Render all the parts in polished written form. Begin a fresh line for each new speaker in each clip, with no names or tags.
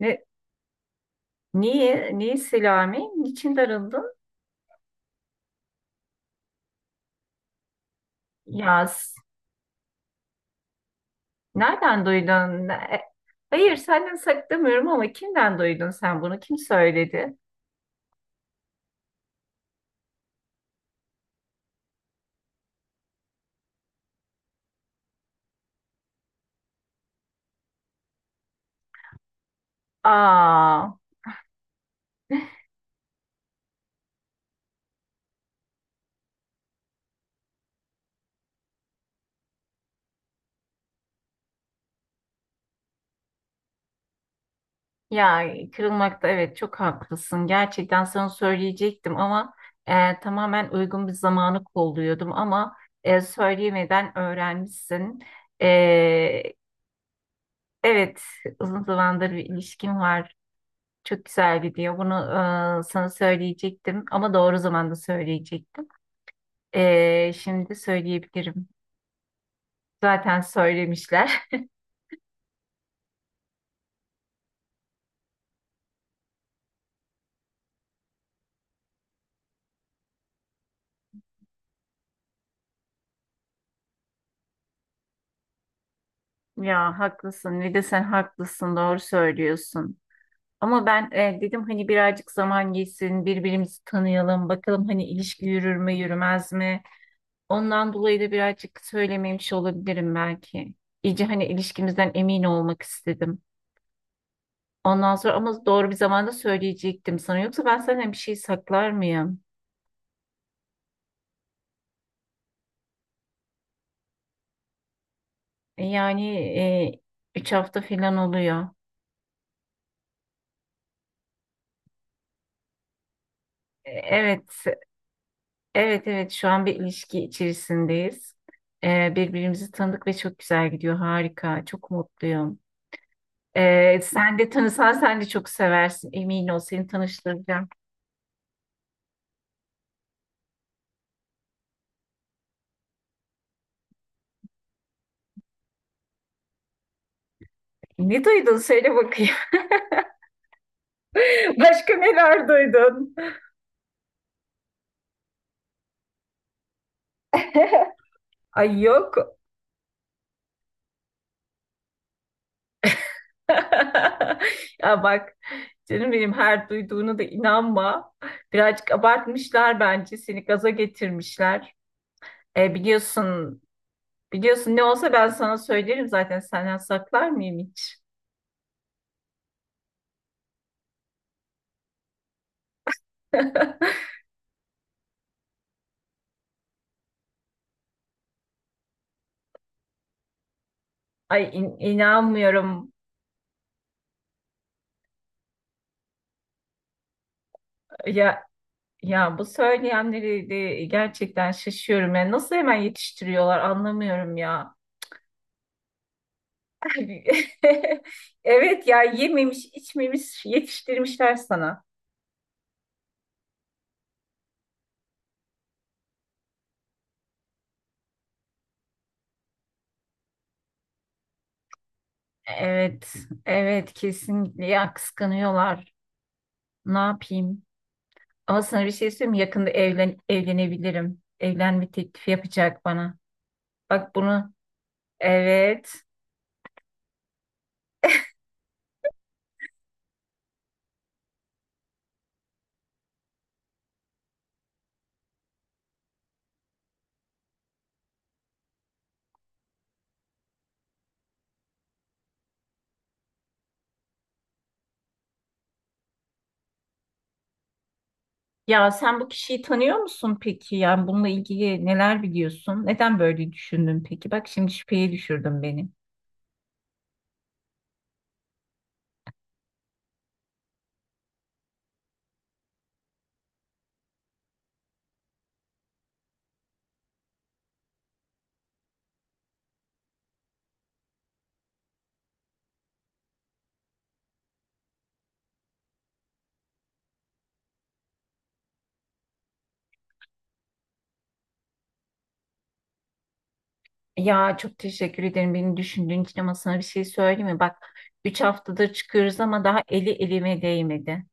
Ne, niye? Niye Selami? Niçin darıldın? Yaz. Nereden duydun? Hayır, senden saklamıyorum ama kimden duydun sen bunu? Kim söyledi? Aa, ya kırılmakta evet çok haklısın. Gerçekten sana söyleyecektim ama tamamen uygun bir zamanı kolluyordum ama söyleyemeden öğrenmişsin. E, evet, uzun zamandır bir ilişkim var. Çok güzel gidiyor. Bunu sana söyleyecektim ama doğru zamanda söyleyecektim. Şimdi söyleyebilirim. Zaten söylemişler. Ya haklısın. Bir de sen haklısın. Doğru söylüyorsun. Ama ben dedim hani birazcık zaman geçsin, birbirimizi tanıyalım, bakalım hani ilişki yürür mü, yürümez mi? Ondan dolayı da birazcık söylememiş olabilirim belki. İyice hani ilişkimizden emin olmak istedim. Ondan sonra ama doğru bir zamanda söyleyecektim sana. Yoksa ben senden bir şey saklar mıyım? Yani üç hafta falan oluyor. Evet, evet, evet. Şu an bir ilişki içerisindeyiz. Birbirimizi tanıdık ve çok güzel gidiyor. Harika, çok mutluyum. Sen de tanısan sen de çok seversin. Emin ol, seni tanıştıracağım. Ne duydun? Söyle bakayım. Başka neler duydun? Ay yok. Ya bak canım benim her duyduğunu da inanma. Birazcık abartmışlar bence. Seni gaza getirmişler. Biliyorsun, biliyorsun ne olsa ben sana söylerim zaten senden saklar mıyım hiç? Ay inanmıyorum. Ya ya bu söyleyenleri de gerçekten şaşıyorum. Yani nasıl hemen yetiştiriyorlar anlamıyorum ya. Evet ya yememiş, içmemiş yetiştirmişler sana. Evet, evet kesinlikle ya kıskanıyorlar. Ne yapayım? Ama sana bir şey söyleyeyim mi? Yakında evlenebilirim. Evlenme teklifi yapacak bana. Bak bunu evet. Ya sen bu kişiyi tanıyor musun peki? Yani bununla ilgili neler biliyorsun? Neden böyle düşündün peki? Bak şimdi şüpheye düşürdün beni. Ya çok teşekkür ederim beni düşündüğün için ama sana bir şey söyleyeyim mi? Bak 3 haftadır çıkıyoruz ama daha eli elime değmedi.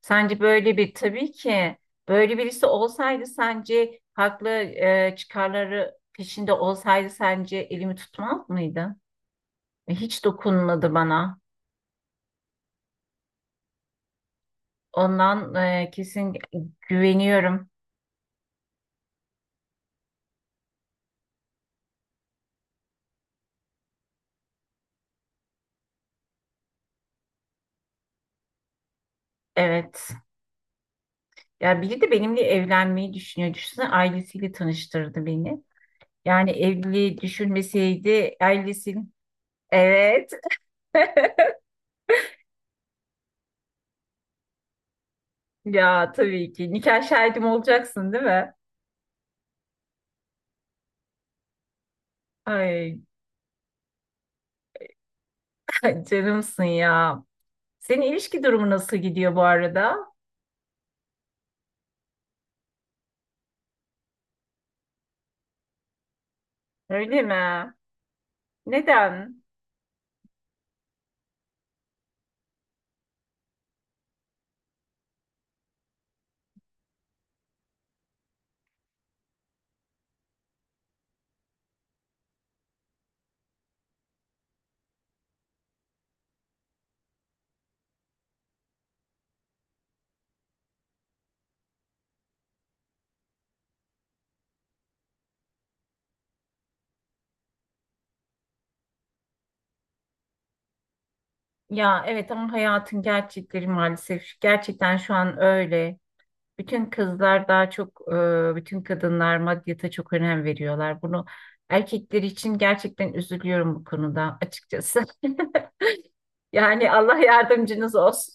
Sence böyle bir tabii ki böyle birisi olsaydı sence haklı çıkarları peşinde olsaydı sence elimi tutmaz mıydı? Hiç dokunmadı bana. Ondan kesin güveniyorum. Evet. Ya biri de benimle evlenmeyi düşünüyor. Düşünsene ailesiyle tanıştırdı beni. Yani evliliği düşünmeseydi ailesi. Evet. Ya tabii ki. Nikah şahidim olacaksın değil mi? Ay canımsın ya. Senin ilişki durumu nasıl gidiyor bu arada? Öyle mi? Neden? Ya evet ama hayatın gerçekleri maalesef gerçekten şu an öyle. Bütün kızlar daha çok, bütün kadınlar maddiyata çok önem veriyorlar. Bunu erkekler için gerçekten üzülüyorum bu konuda açıkçası. Yani Allah yardımcınız olsun.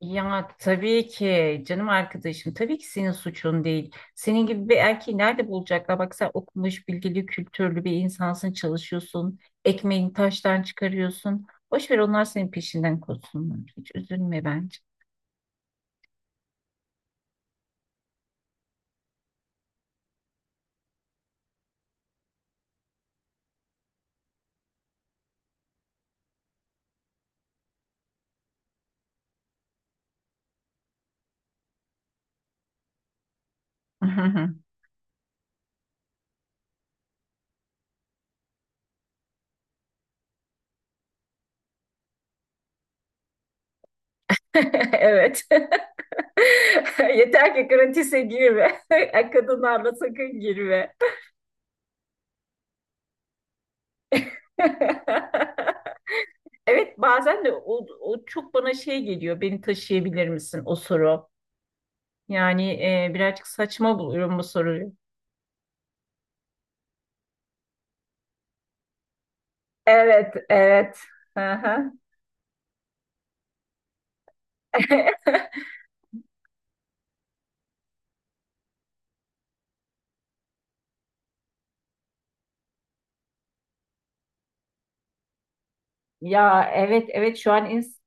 Ya tabii ki canım arkadaşım tabii ki senin suçun değil. Senin gibi bir erkeği nerede bulacaklar? Bak sen okumuş, bilgili, kültürlü bir insansın, çalışıyorsun. Ekmeğini taştan çıkarıyorsun. Boş ver onlar senin peşinden koşsunlar. Hiç üzülme bence. Evet. Yeter ki gratis'e girme. Kadınlarla sakın girme. Evet bazen de o çok bana şey geliyor. Beni taşıyabilir misin o soru? Yani birazcık saçma buluyorum bu soruyu. Evet, evet. Aha. Ya evet evet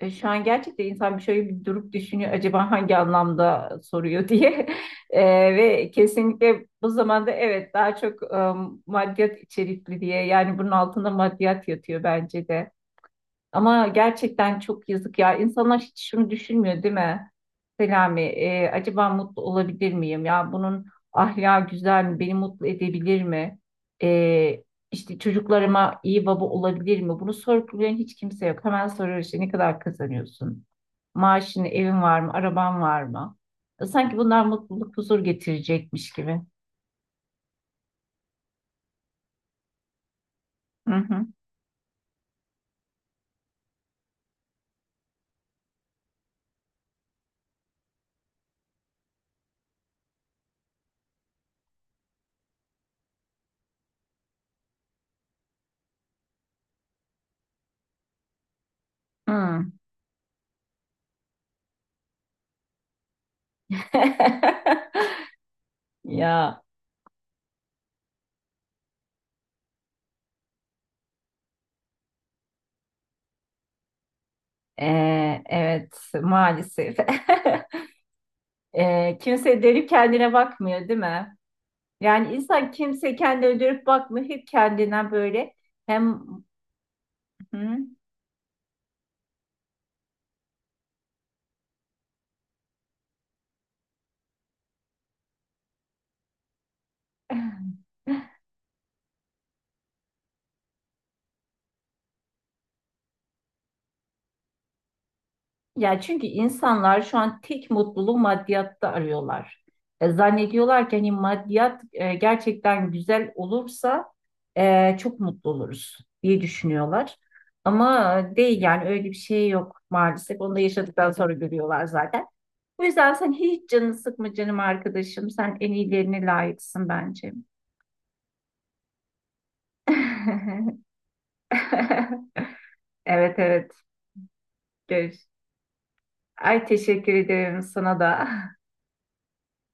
şu an gerçekten insan bir şöyle bir durup düşünüyor acaba hangi anlamda soruyor diye. E, ve kesinlikle bu zamanda evet daha çok maddiyat içerikli diye yani bunun altında maddiyat yatıyor bence de. Ama gerçekten çok yazık ya. İnsanlar hiç şunu düşünmüyor değil mi? Selami, acaba mutlu olabilir miyim? Ya bunun ahlakı güzel mi? Beni mutlu edebilir mi? E, işte çocuklarıma iyi baba olabilir mi? Bunu sorgulayan hiç kimse yok. Hemen soruyor işte ne kadar kazanıyorsun? Maaşın, evin var mı? Araban var mı? Sanki bunlar mutluluk, huzur getirecekmiş gibi. Hı hı. Hı. Ya evet maalesef. Kimse dönüp kendine bakmıyor, değil mi? Yani insan kimse kendine dönüp bakmıyor, hep kendine böyle. Hem hı. Ya çünkü insanlar şu an tek mutluluğu maddiyatta arıyorlar. Zannediyorlar ki hani maddiyat gerçekten güzel olursa çok mutlu oluruz diye düşünüyorlar. Ama değil yani öyle bir şey yok maalesef. Onu da yaşadıktan sonra görüyorlar zaten. O yüzden sen hiç canını sıkma canım arkadaşım. Sen en iyilerine layıksın bence. Evet evet. Görüş. Ay teşekkür ederim sana da.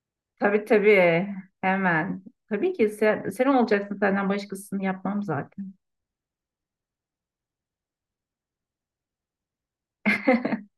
Tabii tabii. Hemen. Tabii ki sen olacaksın senden başkasını yapmam zaten.